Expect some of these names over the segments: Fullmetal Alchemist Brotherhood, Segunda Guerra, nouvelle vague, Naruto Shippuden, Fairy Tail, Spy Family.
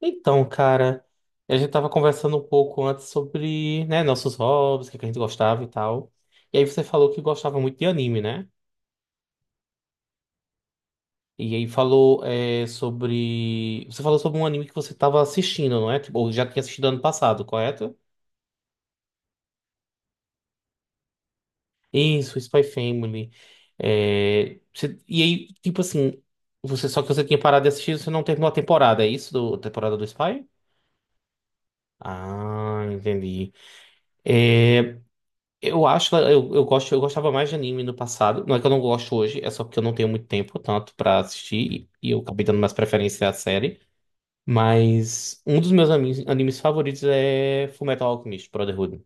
Então, cara, a gente tava conversando um pouco antes sobre, né, nossos hobbies, o que é que a gente gostava e tal. E aí você falou que gostava muito de anime, né? E aí falou sobre. Você falou sobre um anime que você tava assistindo, não é? Tipo, ou já tinha assistido ano passado, correto? Isso, Spy Family. É, E aí, tipo assim, você só que você tinha parado de assistir, você não terminou a temporada, é isso? Do... A temporada do Spy? Ah, entendi. Eh, Eu acho que eu gosto, eu gostava mais de anime no passado. Não é que eu não gosto hoje, é só porque eu não tenho muito tempo tanto pra assistir e eu acabei dando mais preferência à série. Mas um dos meus animes favoritos é Fullmetal Alchemist Brotherhood.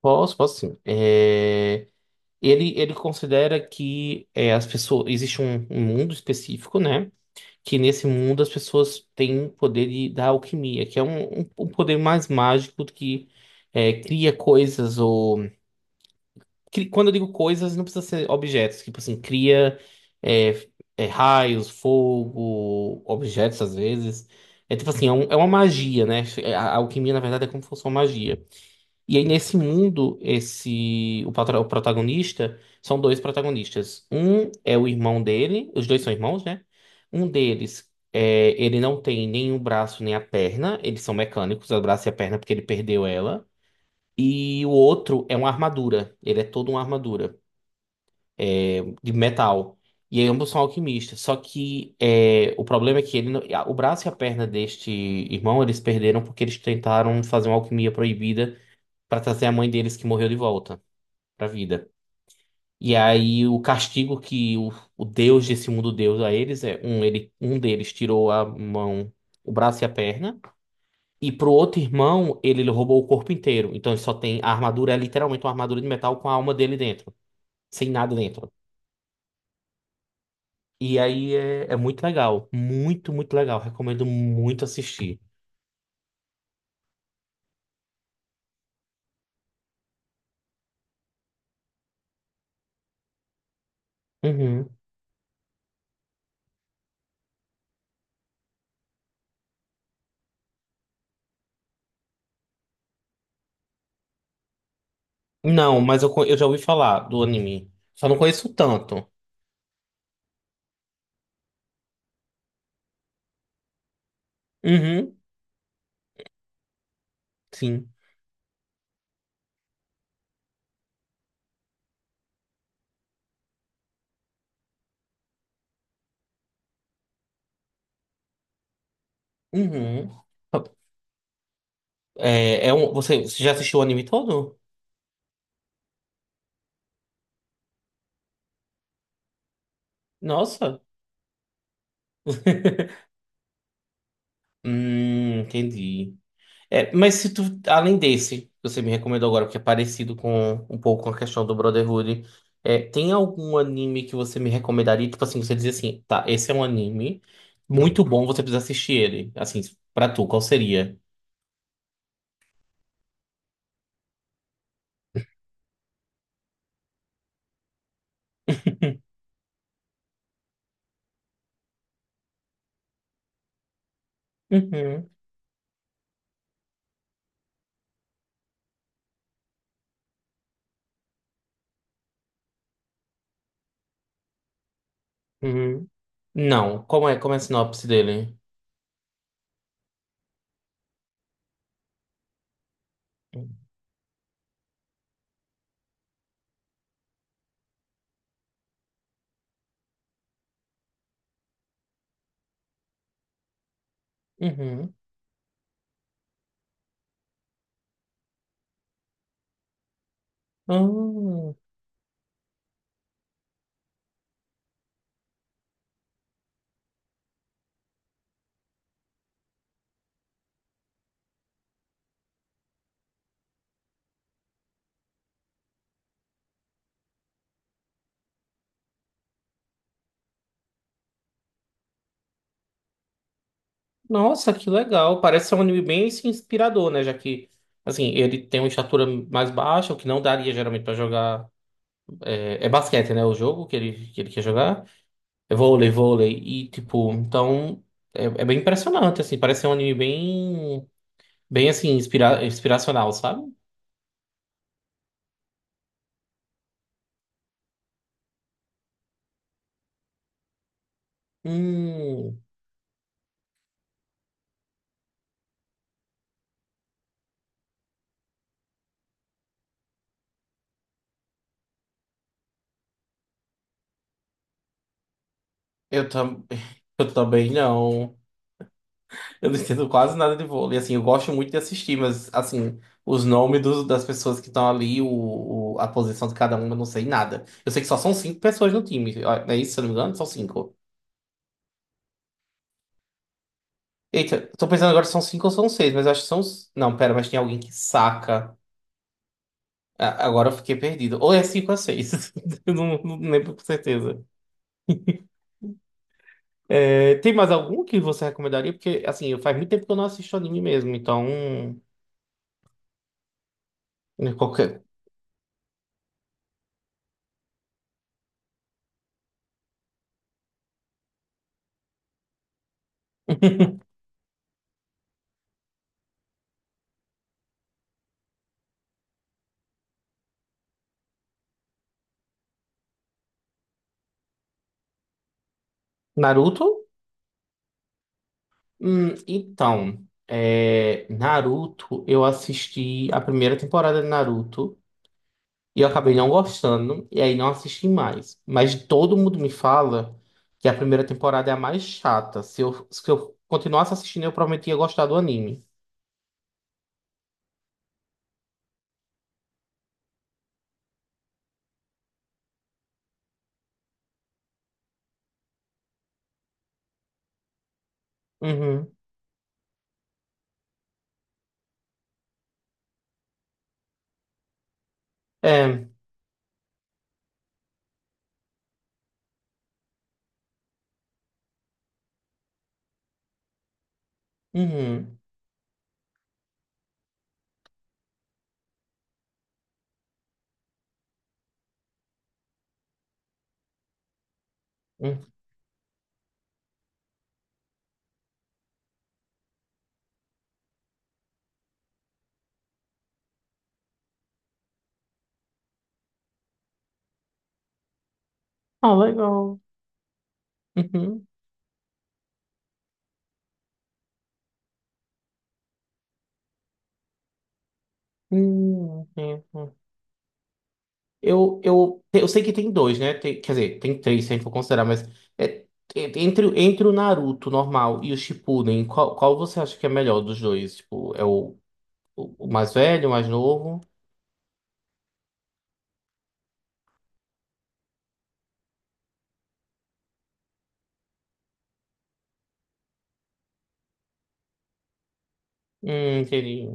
Posso, posso sim. É, ele considera que as pessoas existe um mundo específico, né? Que nesse mundo as pessoas têm o poder de, da alquimia, que é um poder mais mágico do que cria coisas ou quando eu digo coisas, não precisa ser objetos. Tipo assim, cria é, raios, fogo, objetos às vezes. É tipo assim, é, é uma magia, né? É, a alquimia, na verdade, é como se fosse uma magia. E aí, nesse mundo, o protagonista são dois protagonistas. Um é o irmão dele, os dois são irmãos, né? Um deles, é, ele não tem nem o braço nem a perna, eles são mecânicos, o braço e a perna, porque ele perdeu ela. E o outro é uma armadura. Ele é todo uma armadura de metal. E aí ambos são alquimistas. Só que é, o problema é que ele, não- o braço e a perna deste irmão eles perderam porque eles tentaram fazer uma alquimia proibida para trazer a mãe deles que morreu de volta para vida. E aí o castigo que o Deus desse mundo deu a eles é um ele um deles tirou a mão, o braço e a perna, e pro outro irmão ele roubou o corpo inteiro. Então ele só tem a armadura é literalmente uma armadura de metal com a alma dele dentro, sem nada dentro. E aí é muito legal. Muito, muito legal. Recomendo muito assistir. Uhum. Não, mas eu já ouvi falar do anime. Só não conheço tanto. Uhum, sim. Uhum. É, é um, você já assistiu o anime todo? Nossa. Entendi. É, mas se tu, além desse, que você me recomendou agora, porque é parecido com um pouco com a questão do Brotherhood, é, tem algum anime que você me recomendaria? Tipo assim, você diz assim, tá, esse é um anime muito bom, você precisa assistir ele. Assim, pra tu, qual seria? Uhum, uhum. Não, como é a sinopse dele? Uhum. Ah, nossa, que legal. Parece ser um anime bem assim, inspirador, né? Já que, assim, ele tem uma estatura mais baixa, o que não daria geralmente pra jogar. É, é basquete, né? O jogo que ele quer jogar. É vôlei, vôlei. E, tipo, então. É, é bem impressionante, assim. Parece ser um anime bem. Bem, assim, inspiracional, sabe? Hum. Eu, tam... eu também não. Eu não entendo quase nada de vôlei. Assim, eu gosto muito de assistir, mas assim, das pessoas que estão ali, a posição de cada uma, eu não sei nada. Eu sei que só são cinco pessoas no time. Ó, não é isso, se eu não me engano? São cinco. Eita, tô pensando agora se são cinco ou são seis, mas eu acho que são. Não, pera, mas tem alguém que saca. Agora eu fiquei perdido. Ou é cinco ou é seis. Eu não, não lembro com certeza. É, tem mais algum que você recomendaria? Porque, assim, faz muito tempo que eu não assisto anime mesmo, então. Qualquer. Naruto? Então, é, Naruto, eu assisti a primeira temporada de Naruto e eu acabei não gostando, e aí não assisti mais. Mas todo mundo me fala que a primeira temporada é a mais chata. Se eu continuasse assistindo, eu provavelmente ia gostar do anime. Uhum. É. Uhum. Uhum. Ah, legal. Uhum. Uhum. Eu sei que tem dois, né? Quer dizer, tem três, se a gente for considerar, mas é, entre, entre o Naruto normal e o Shippuden, qual você acha que é melhor dos dois? Tipo, é o mais velho, o mais novo? Entendi.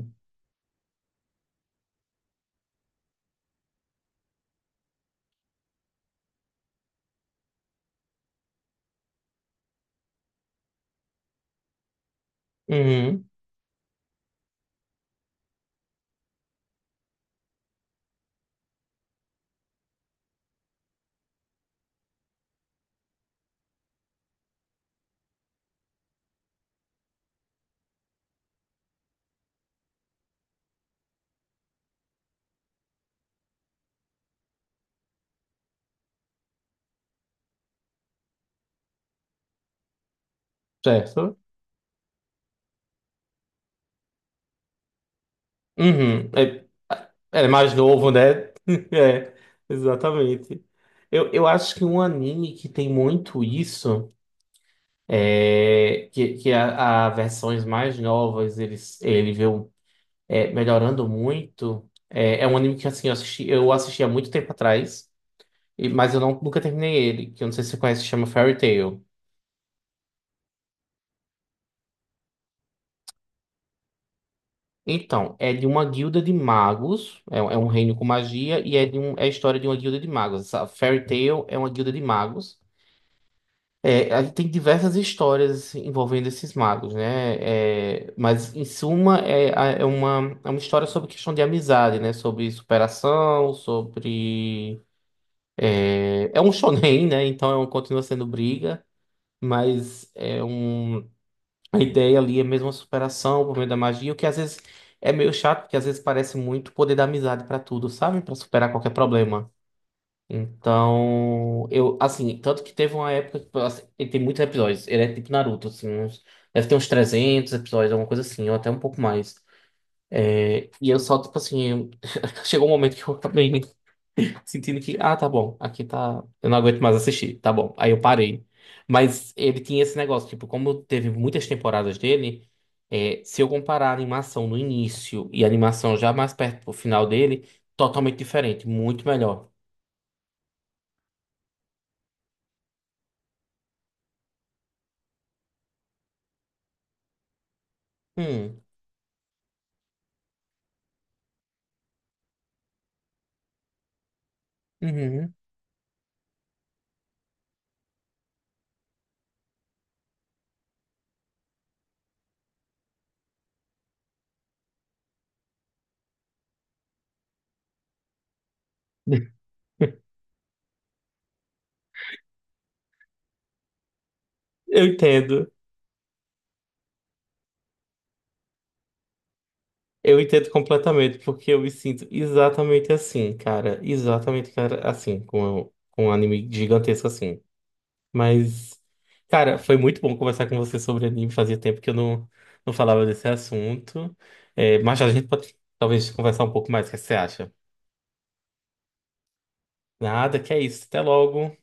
Uhum, certo. Uhum, é, é é mais novo, né? É, exatamente. Eu acho que um anime que tem muito isso é que a versões mais novas ele vê um melhorando muito. É, é um anime que assim, eu assisti há muito tempo atrás, mas eu não, nunca terminei ele, que eu não sei se você conhece, chama Fairy Tail. Então, é de uma guilda de magos, é um reino com magia, e é, de um, é a história de uma guilda de magos. Essa Fairy Tail é uma guilda de magos. É, aí tem diversas histórias assim, envolvendo esses magos, né? É, mas, em suma, é uma história sobre questão de amizade, né? Sobre superação, sobre. É um shonen, né? Então é continua sendo briga, mas a ideia ali é mesmo a superação por meio da magia, o que às vezes é meio chato, porque às vezes parece muito poder da amizade pra tudo, sabe? Pra superar qualquer problema. Então, eu assim, tanto que teve uma época que assim, ele tem muitos episódios, ele é tipo Naruto, assim, deve ter uns 300 episódios, alguma coisa assim, ou até um pouco mais. E eu só tipo assim, chegou um momento que eu acabei sentindo que, ah, tá bom, aqui tá. Eu não aguento mais assistir, tá bom. Aí eu parei. Mas ele tinha esse negócio, tipo, como teve muitas temporadas dele, é, se eu comparar a animação no início e a animação já mais perto pro final dele, totalmente diferente, muito melhor. Hum, uhum. Eu entendo. Eu entendo completamente, porque eu me sinto exatamente assim, cara. Exatamente, cara, assim, com um anime gigantesco assim. Mas, cara, foi muito bom conversar com você sobre anime. Fazia tempo que eu não falava desse assunto. É, mas a gente pode talvez conversar um pouco mais. O que você acha? Nada, que é isso. Até logo.